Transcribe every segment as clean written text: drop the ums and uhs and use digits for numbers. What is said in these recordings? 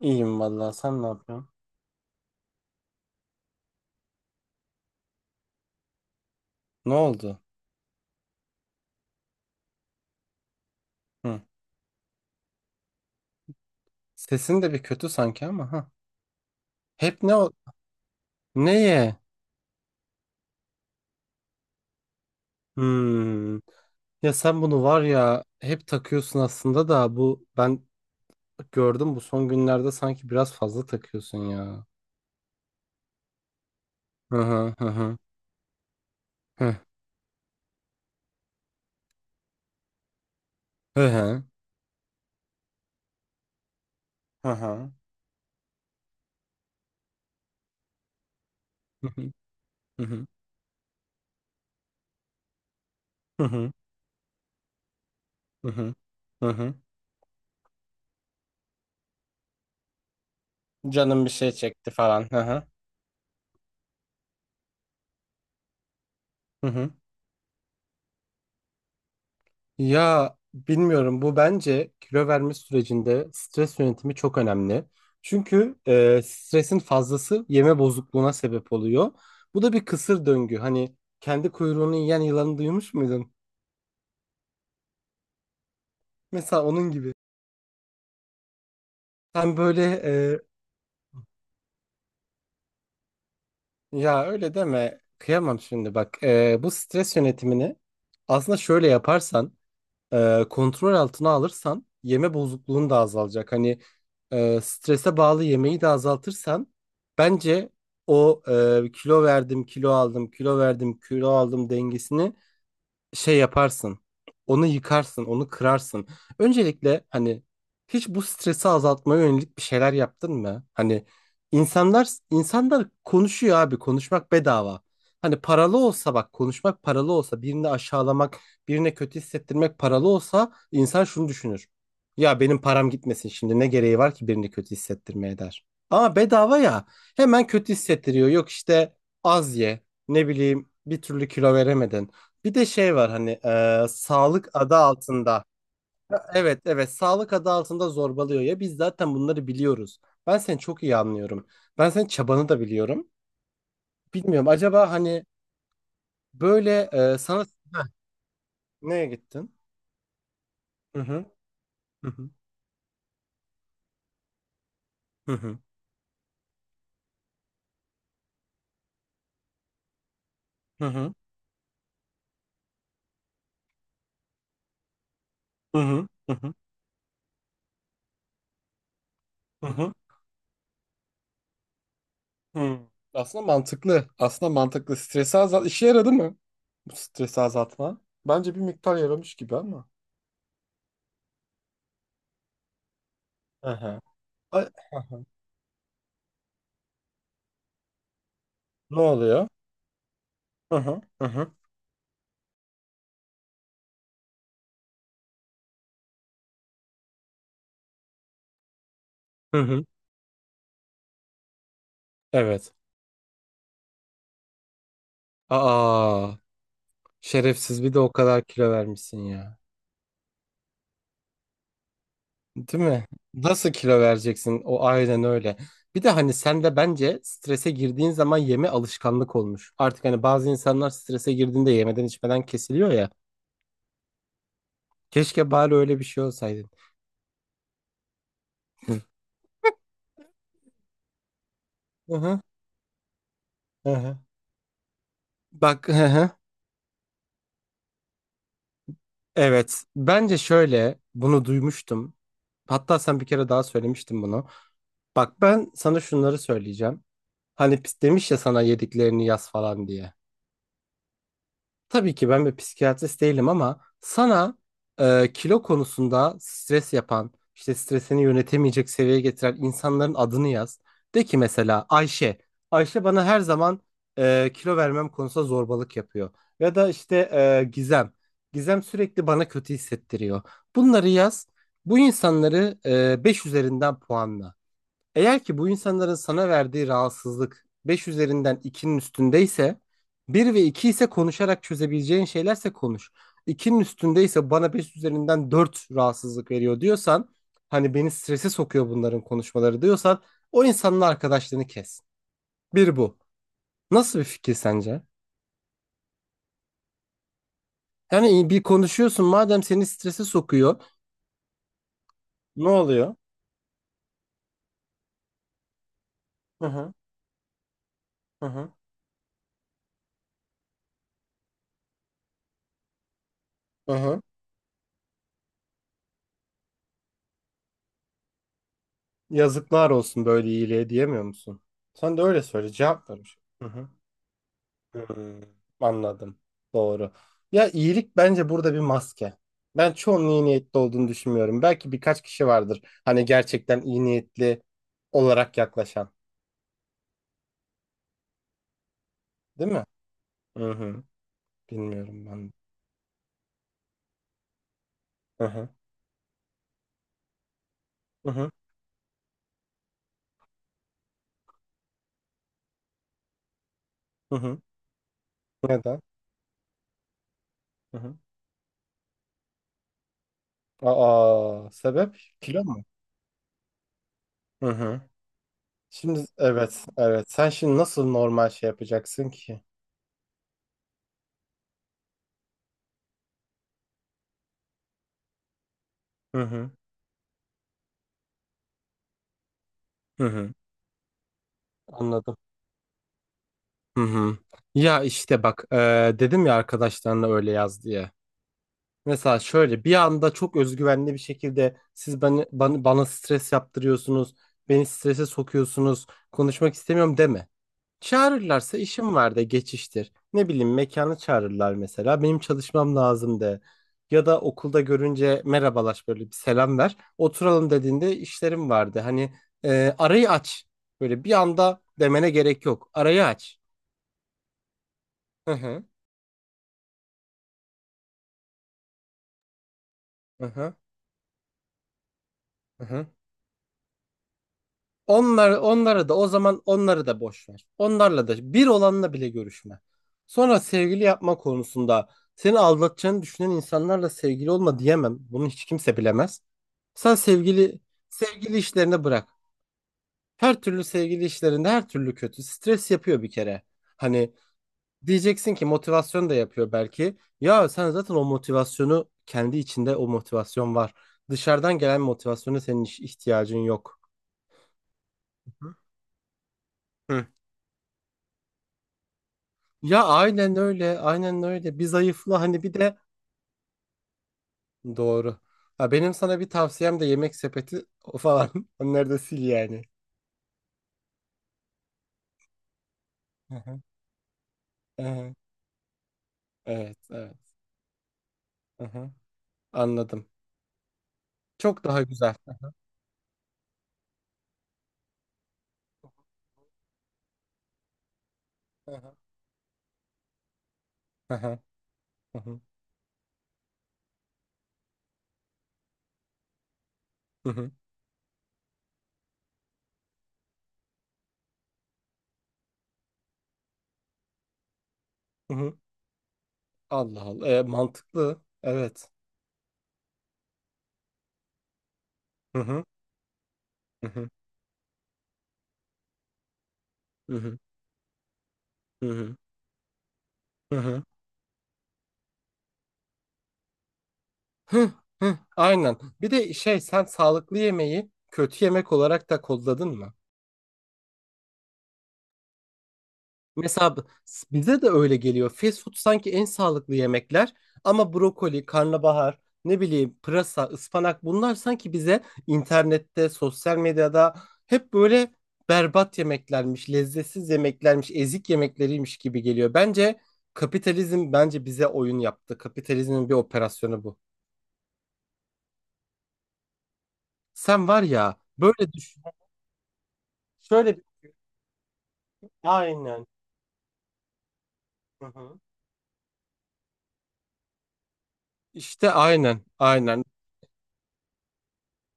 İyiyim vallahi, sen ne yapıyorsun? Ne oldu? Hı. Sesin de bir kötü sanki ama, ha. Hep ne o neye? Hmm. Ya sen bunu var ya hep takıyorsun aslında da, bu ben gördüm bu son günlerde sanki biraz fazla takıyorsun ya. Hı hı hı hı. Hı hı hı. Hı hı. Hı hı. Hı hı. Hı hı. Hı hı. Canım bir şey çekti falan. Hı hı. Hı hı. Ya bilmiyorum, bu bence kilo verme sürecinde stres yönetimi çok önemli. Çünkü stresin fazlası yeme bozukluğuna sebep oluyor. Bu da bir kısır döngü. Hani kendi kuyruğunu yiyen yılanı duymuş muydun? Mesela onun gibi. Sen böyle e, Ya öyle deme, kıyamam şimdi. Bak, e, bu stres yönetimini aslında şöyle yaparsan, kontrol altına alırsan yeme bozukluğun da azalacak. Hani strese bağlı yemeği de azaltırsan, bence o kilo verdim, kilo aldım, kilo verdim, kilo aldım dengesini şey yaparsın. Onu yıkarsın, onu kırarsın. Öncelikle hani hiç bu stresi azaltmaya yönelik bir şeyler yaptın mı? Hani insanlar insanlar konuşuyor abi, konuşmak bedava. Hani paralı olsa, bak, konuşmak paralı olsa, birini aşağılamak, birine kötü hissettirmek paralı olsa insan şunu düşünür: ya benim param gitmesin şimdi, ne gereği var ki birini kötü hissettirmeye, der. Ama bedava ya, hemen kötü hissettiriyor. Yok işte az ye, ne bileyim, bir türlü kilo veremedin. Bir de şey var hani, sağlık adı altında. Ha, evet, evet, sağlık adı altında zorbalıyor ya, biz zaten bunları biliyoruz. Ben seni çok iyi anlıyorum. Ben senin çabanı da biliyorum. Bilmiyorum acaba hani böyle e, sana Heh, neye gittin? Hı hı hı hı hı hı hı hı hı hı hı hı hı, hı. Hı. Aslında mantıklı. Aslında mantıklı. Stresi azalt. İşe yaradı mı? Bu stresi azaltma. Bence bir miktar yaramış gibi ama. Hı hı. Ay, aha. Ne oluyor? Hı hı. Hı hı. Hı hı. Evet. Aa, şerefsiz, bir de o kadar kilo vermişsin ya. Değil mi? Nasıl kilo vereceksin? O aynen öyle. Bir de hani sen de bence strese girdiğin zaman yeme alışkanlık olmuş. Artık hani bazı insanlar strese girdiğinde yemeden içmeden kesiliyor ya. Keşke bari öyle bir şey olsaydın. Hı hı. Hı hı. Bak, hı hı. Evet. Bence şöyle, bunu duymuştum. Hatta sen bir kere daha söylemiştin bunu. Bak, ben sana şunları söyleyeceğim. Hani demiş ya sana yediklerini yaz falan diye. Tabii ki ben bir psikiyatrist değilim ama sana kilo konusunda stres yapan, işte stresini yönetemeyecek seviyeye getiren insanların adını yaz. De ki mesela Ayşe. Ayşe bana her zaman kilo vermem konusunda zorbalık yapıyor. Ya da işte Gizem. Gizem sürekli bana kötü hissettiriyor. Bunları yaz. Bu insanları 5 üzerinden puanla. Eğer ki bu insanların sana verdiği rahatsızlık 5 üzerinden 2'nin üstündeyse, bir ve 2 ise konuşarak çözebileceğin şeylerse, konuş. 2'nin üstündeyse, bana 5 üzerinden 4 rahatsızlık veriyor diyorsan, hani beni strese sokuyor bunların konuşmaları diyorsan, o insanın arkadaşlığını kes. Bir bu. Nasıl bir fikir sence? Yani bir konuşuyorsun, madem seni strese sokuyor. Ne oluyor? Hı hı hı hı. Hı hı. Yazıklar olsun böyle iyiliğe, diyemiyor musun? Sen de öyle söyle, cevap ver. Hı hı. Hmm, anladım. Doğru. Ya, iyilik bence burada bir maske. Ben çoğunun iyi niyetli olduğunu düşünmüyorum. Belki birkaç kişi vardır, hani gerçekten iyi niyetli olarak yaklaşan. Değil mi? Hı hı. Bilmiyorum ben. Hı hı. Hı hı. Hı hı. Neden? Hı hı. Aa, sebep kilo mu? Hı hı. Şimdi evet, evet. Sen şimdi nasıl normal şey yapacaksın ki? Hı hı. Hı hı. Anladım. Hı hı. Ya işte bak, dedim ya arkadaşlarına öyle yaz diye. Mesela şöyle bir anda çok özgüvenli bir şekilde, siz bana stres yaptırıyorsunuz, beni strese sokuyorsunuz, konuşmak istemiyorum, deme. Çağırırlarsa işim var de, geçiştir. Ne bileyim, mekanı çağırırlar mesela, benim çalışmam lazım de. Ya da okulda görünce merhabalaş, böyle bir selam ver. Oturalım dediğinde işlerim vardı. Hani arayı aç. Böyle bir anda demene gerek yok. Arayı aç. Hı hı. Hı hı. Hı hı. Onları da o zaman, onları da boş ver. Onlarla da, bir olanla bile görüşme. Sonra sevgili yapma konusunda, seni aldatacağını düşünen insanlarla sevgili olma, diyemem. Bunu hiç kimse bilemez. Sen sevgili sevgili işlerini bırak. Her türlü sevgili işlerinde her türlü kötü. Stres yapıyor bir kere. Hani diyeceksin ki motivasyon da yapıyor belki. Ya sen zaten o motivasyonu kendi içinde, o motivasyon var. Dışarıdan gelen motivasyona senin ihtiyacın yok. Hı. Ya aynen öyle, aynen öyle. Bir zayıfla, hani bir de doğru. Ha, benim sana bir tavsiyem de, yemek sepeti o falan. Onları da sil yani. Hı hı, hı hı. Evet, evet. Hı hı. Anladım. Çok daha güzel. Hı hı, hı hı, hı hı, hı hı, hı hı. Allah Allah. E, mantıklı. Evet. Hı hı, hı hı, hı hı, hı hı, hı hı. Hı, hı. Aynen. Bir de şey, sen sağlıklı yemeği kötü yemek olarak da kodladın mı? Mesela bize de öyle geliyor. Fast food sanki en sağlıklı yemekler ama brokoli, karnabahar, ne bileyim pırasa, ıspanak, bunlar sanki bize internette, sosyal medyada hep böyle berbat yemeklermiş, lezzetsiz yemeklermiş, ezik yemekleriymiş gibi geliyor. Bence kapitalizm, bence bize oyun yaptı. Kapitalizmin bir operasyonu bu. Sen var ya böyle düşün. Şöyle bir aynen. Hı hı. İşte aynen, aynen.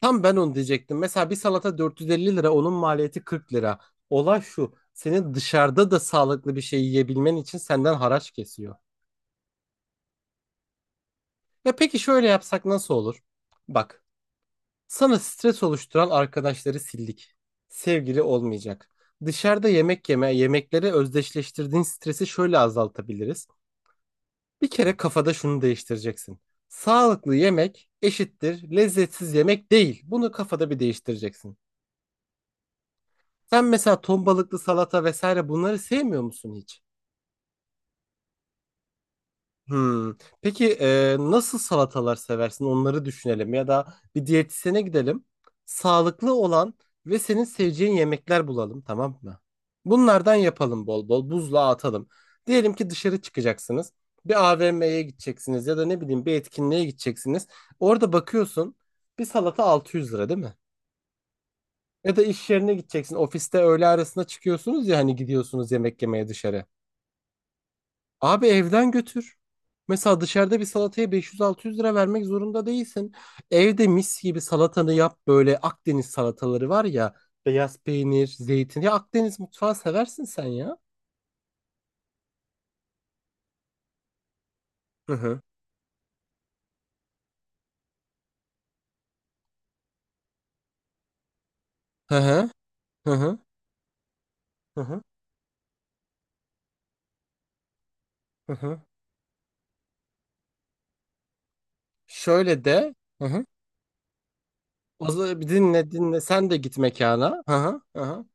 Tam ben onu diyecektim. Mesela bir salata 450 lira, onun maliyeti 40 lira. Olay şu, senin dışarıda da sağlıklı bir şey yiyebilmen için senden haraç kesiyor. Ya peki şöyle yapsak nasıl olur? Bak, sana stres oluşturan arkadaşları sildik. Sevgili olmayacak. Dışarıda yemek yeme, yemekleri özdeşleştirdiğin stresi şöyle azaltabiliriz. Bir kere kafada şunu değiştireceksin: sağlıklı yemek eşittir lezzetsiz yemek, değil. Bunu kafada bir değiştireceksin. Sen mesela ton balıklı salata vesaire, bunları sevmiyor musun hiç? Hmm. Peki nasıl salatalar seversin? Onları düşünelim ya da bir diyetisyene gidelim. Sağlıklı olan ve senin seveceğin yemekler bulalım, tamam mı? Bunlardan yapalım bol bol. Buzluğa atalım. Diyelim ki dışarı çıkacaksınız. Bir AVM'ye gideceksiniz ya da ne bileyim bir etkinliğe gideceksiniz. Orada bakıyorsun, bir salata 600 lira, değil mi? Ya da iş yerine gideceksin. Ofiste öğle arasına çıkıyorsunuz ya, hani gidiyorsunuz yemek yemeye dışarı. Abi, evden götür. Mesela dışarıda bir salataya 500-600 lira vermek zorunda değilsin. Evde mis gibi salatanı yap, böyle Akdeniz salataları var ya. Beyaz peynir, zeytin. Ya Akdeniz mutfağı seversin sen ya. Hı hı. Hı hı. Hı hı. Hı hı. Hı hı. Şöyle de. Hı hı. O zaman bir dinle dinle. Sen de git mekana. Hı hı. Hı hı.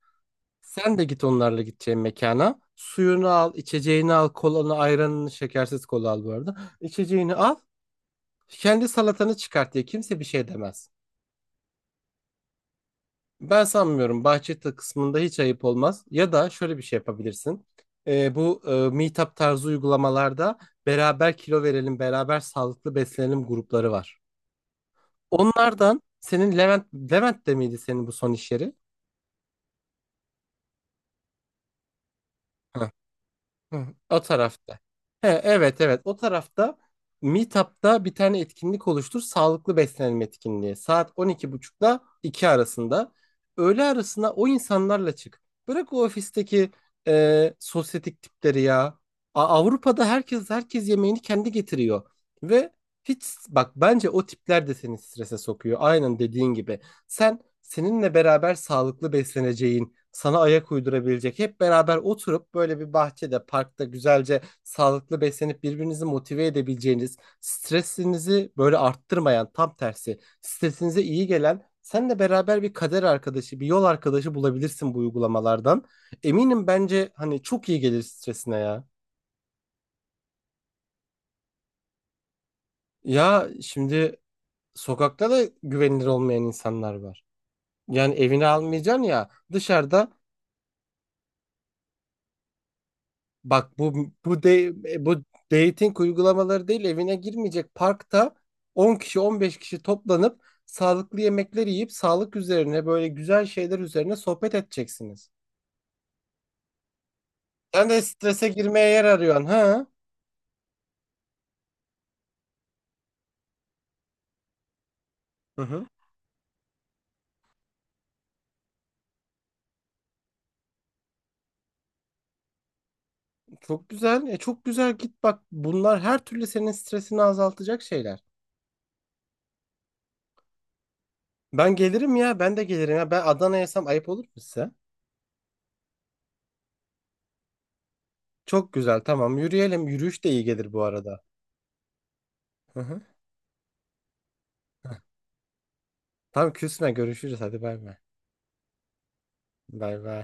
Sen de git onlarla gideceğin mekana. Suyunu al, içeceğini al, kolanı, ayranını, şekersiz kola al bu arada. İçeceğini al. Kendi salatanı çıkart diye kimse bir şey demez. Ben sanmıyorum, bahçe kısmında hiç ayıp olmaz. Ya da şöyle bir şey yapabilirsin. Bu Meetup tarzı uygulamalarda beraber kilo verelim, beraber sağlıklı beslenelim grupları var. Onlardan senin Levent, Levent de miydi senin bu son iş yeri? Hı. Hı, o tarafta. He, evet evet, o tarafta Meetup'ta bir tane etkinlik oluştur. Sağlıklı beslenme etkinliği. Saat on iki buçukla 2 arasında. Öğle arasında o insanlarla çık. Bırak o ofisteki sosyetik tipleri ya. Avrupa'da herkes herkes yemeğini kendi getiriyor. Ve hiç, bak, bence o tipler de seni strese sokuyor. Aynen dediğin gibi. Sen seninle beraber sağlıklı besleneceğin, sana ayak uydurabilecek, hep beraber oturup böyle bir bahçede, parkta güzelce sağlıklı beslenip birbirinizi motive edebileceğiniz, stresinizi böyle arttırmayan, tam tersi, stresinize iyi gelen, seninle beraber bir kader arkadaşı, bir yol arkadaşı bulabilirsin bu uygulamalardan. Eminim bence hani çok iyi gelir stresine ya. Ya şimdi, sokakta da güvenilir olmayan insanlar var. Yani evine almayacaksın ya, dışarıda. Bak bu bu de, Bu dating uygulamaları değil, evine girmeyecek, parkta 10 kişi 15 kişi toplanıp sağlıklı yemekler yiyip sağlık üzerine, böyle güzel şeyler üzerine sohbet edeceksiniz. Sen de strese girmeye yer arıyorsun ha? Hı hı. Çok güzel. E çok güzel, git bak. Bunlar her türlü senin stresini azaltacak şeyler. Ben gelirim ya. Ben de gelirim ya. Ben Adana'yaysam ayıp olur mu size? Çok güzel. Tamam, yürüyelim. Yürüyüş de iyi gelir bu arada. Hı hı. Tamam, küsme, görüşürüz. Hadi, bay bay. Bay bay.